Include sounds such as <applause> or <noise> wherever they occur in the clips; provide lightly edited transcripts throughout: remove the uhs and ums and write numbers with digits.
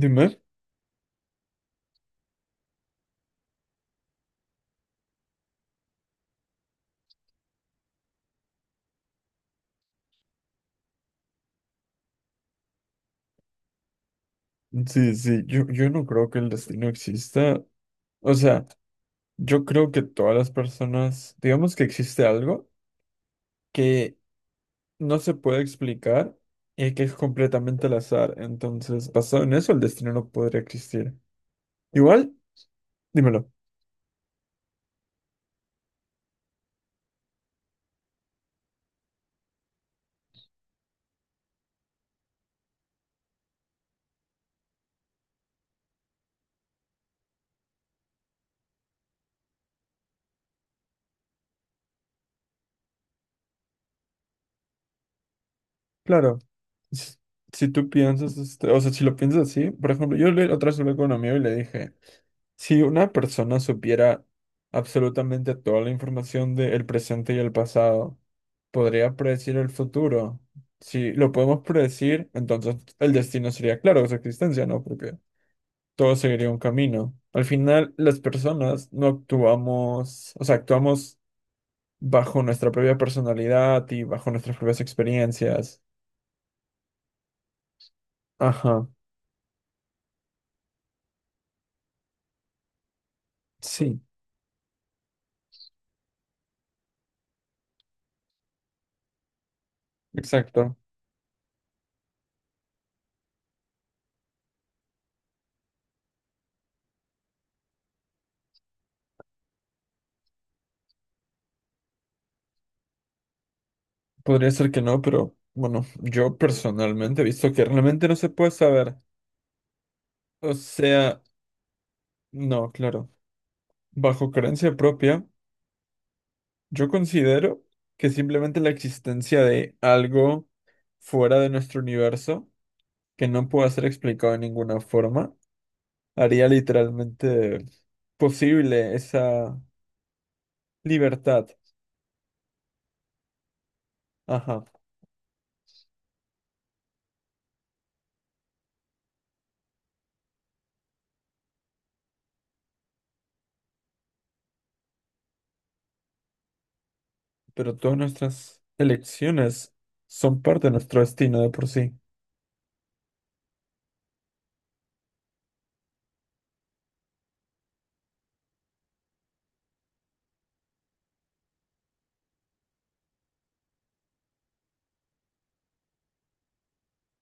Dime. Sí, sí, yo no creo que el destino exista. O sea, yo creo que todas las personas, digamos que existe algo que no se puede explicar y que es completamente al azar. Entonces, basado en eso, el destino no podría existir. Igual, dímelo. Claro, s- si, tú piensas, o sea, si lo piensas así, por ejemplo, otra vez hablé con un amigo y le dije. Si una persona supiera absolutamente toda la información del presente y el pasado, podría predecir el futuro. Si lo podemos predecir, entonces el destino sería claro de su existencia, ¿no? Porque todo seguiría un camino. Al final, las personas no actuamos, o sea, actuamos bajo nuestra propia personalidad y bajo nuestras propias experiencias. Ajá, sí, exacto. Podría ser que no, pero bueno, yo personalmente he visto que realmente no se puede saber. O sea, no, claro. Bajo creencia propia, yo considero que simplemente la existencia de algo fuera de nuestro universo, que no pueda ser explicado de ninguna forma, haría literalmente posible esa libertad. Ajá, pero todas nuestras elecciones son parte de nuestro destino de por sí.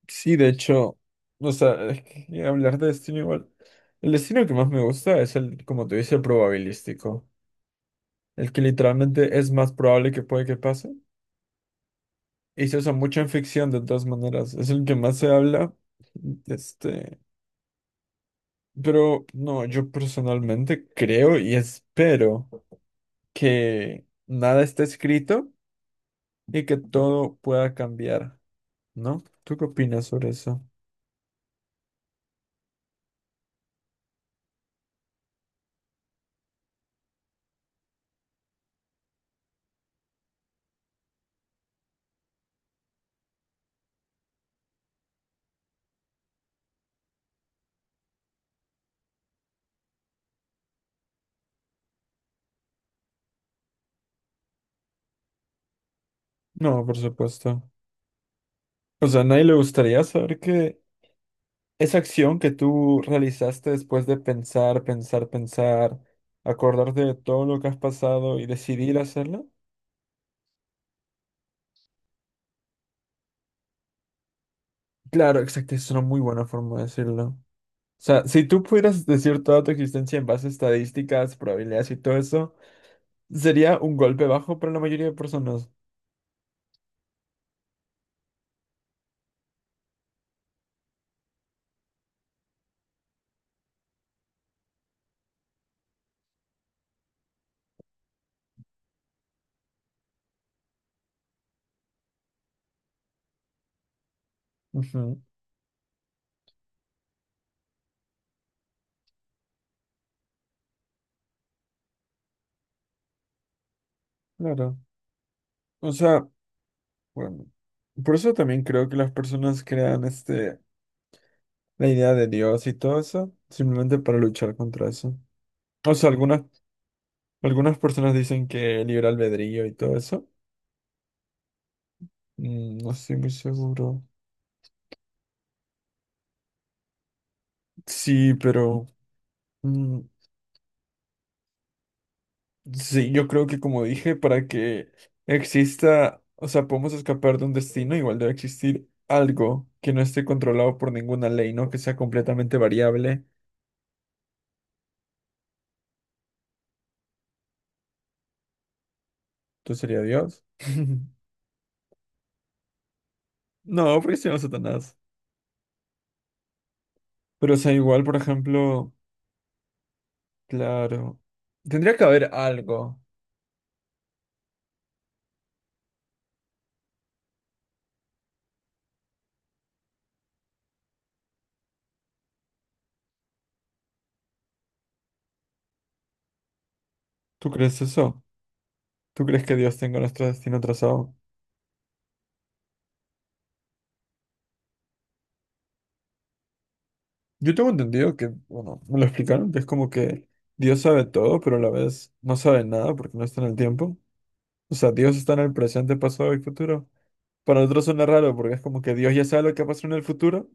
Sí, de hecho, o sea, es que hablar de destino igual. El destino que más me gusta es el, como te dice, probabilístico. El que literalmente es más probable que puede que pase. Y se usa mucho en ficción de todas maneras. Es el que más se habla. Este. Pero no, yo personalmente creo y espero que nada esté escrito y que todo pueda cambiar, ¿no? ¿Tú qué opinas sobre eso? No, por supuesto. O sea, a nadie le gustaría saber que esa acción que tú realizaste después de pensar, pensar, pensar, acordarte de todo lo que has pasado y decidir hacerla. Claro, exacto, es una muy buena forma de decirlo. O sea, si tú pudieras decir toda tu existencia en base a estadísticas, probabilidades y todo eso, sería un golpe bajo para la mayoría de personas. Ujú, claro. O sea, bueno, por eso también creo que las personas crean este, la idea de Dios y todo eso, simplemente para luchar contra eso. O sea, algunas, algunas personas dicen que libre albedrío y todo eso. Mm, no estoy muy seguro. Sí, pero... mm, Sí, yo creo que como dije, para que exista, o sea, podemos escapar de un destino, igual debe existir algo que no esté controlado por ninguna ley, ¿no? Que sea completamente variable. Entonces sería Dios. <laughs> No, porque se llama Satanás. Pero o sea, igual, por ejemplo, claro, tendría que haber algo. ¿Tú crees eso? ¿Tú crees que Dios tenga nuestro destino trazado? Yo tengo entendido que, bueno, me lo explicaron, que es como que Dios sabe todo, pero a la vez no sabe nada porque no está en el tiempo. O sea, Dios está en el presente, pasado y futuro. Para nosotros suena raro porque es como que Dios ya sabe lo que pasó en el futuro,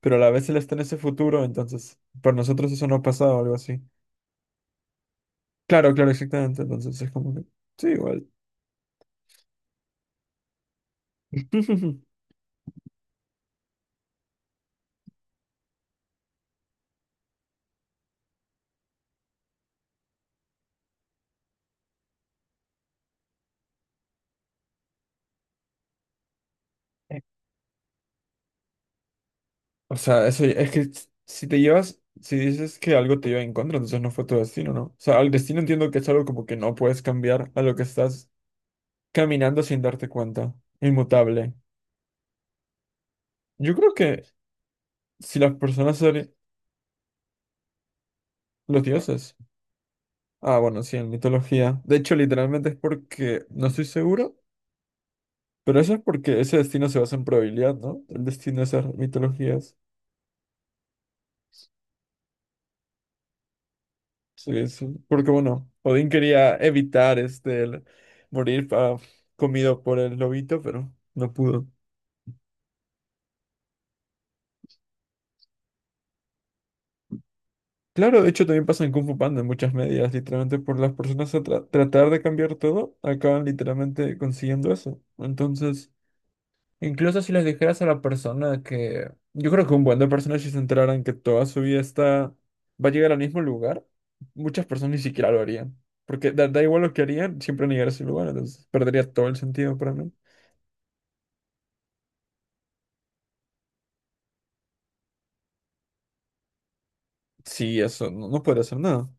pero a la vez Él está en ese futuro, entonces para nosotros eso no ha pasado o algo así. Claro, claro, exactamente. Entonces es como que, sí, igual. <laughs> O sea, es que si te llevas, si dices que algo te lleva en contra, entonces no fue tu destino, ¿no? O sea, al destino entiendo que es algo como que no puedes cambiar a lo que estás caminando sin darte cuenta, inmutable. Yo creo que si las personas, los dioses. Ah, bueno, sí, en mitología. De hecho, literalmente es porque, no estoy seguro, pero eso es porque ese destino se basa en probabilidad, ¿no? El destino de esas mitologías. Sí, sí. Porque, bueno, Odín quería evitar el morir comido por el lobito, pero no pudo. Claro, de hecho, también pasa en Kung Fu Panda en muchas medidas. Literalmente, por las personas a tratar de cambiar todo, acaban literalmente consiguiendo eso. Entonces. Incluso si les dijeras a la persona que... Yo creo que un buen de personas si se enteraran que toda su vida está... va a llegar al mismo lugar, muchas personas ni siquiera lo harían. Porque da igual lo que harían, siempre van a llegar a ese lugar, entonces perdería todo el sentido para mí. Sí, eso, no, no puede hacer nada.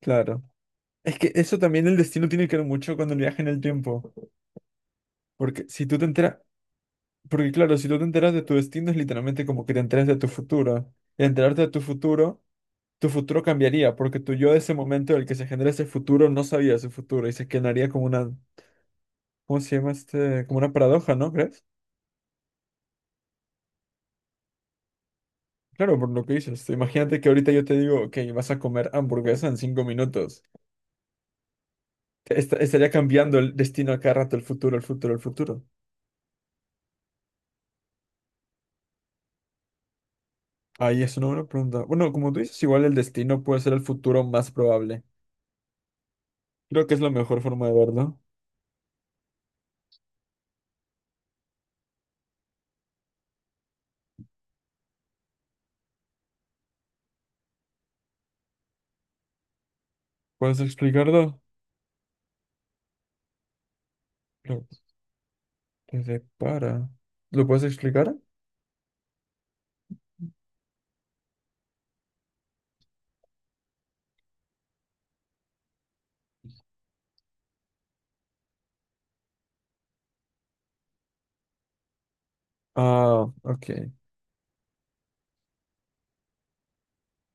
Claro. Es que eso también el destino tiene que ver mucho con el viaje en el tiempo. Porque si tú te enteras... Porque claro, si tú te enteras de tu destino es literalmente como que te enteras de tu futuro. Y enterarte de tu futuro. Tu futuro cambiaría porque tu yo de ese momento en el que se genera ese futuro no sabía su futuro y se quedaría como una, ¿cómo se llama este? Como una paradoja, ¿no crees? Claro, por lo que dices. Imagínate que ahorita yo te digo que vas a comer hamburguesa en 5 minutos. Estaría cambiando el destino a cada rato, el futuro, el futuro, el futuro. Ahí es una buena pregunta. Bueno, como tú dices, igual el destino puede ser el futuro más probable. Creo que es la mejor forma de verlo. ¿Puedes explicarlo? Lo que te depara. ¿Lo puedes explicar? Ah, ok.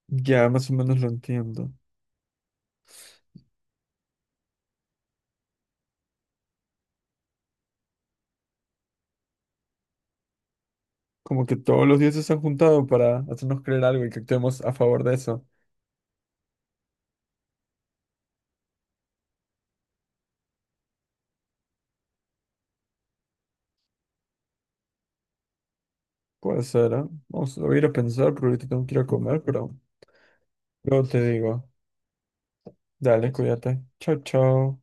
Ya más o menos lo entiendo. Como que todos los dioses se han juntado para hacernos creer algo y que actuemos a favor de eso. Puede ser, ¿eh? Vamos lo voy a ir a pensar, pero ahorita tengo que ir a comer, pero luego te digo. Dale, cuídate. Chao, chao.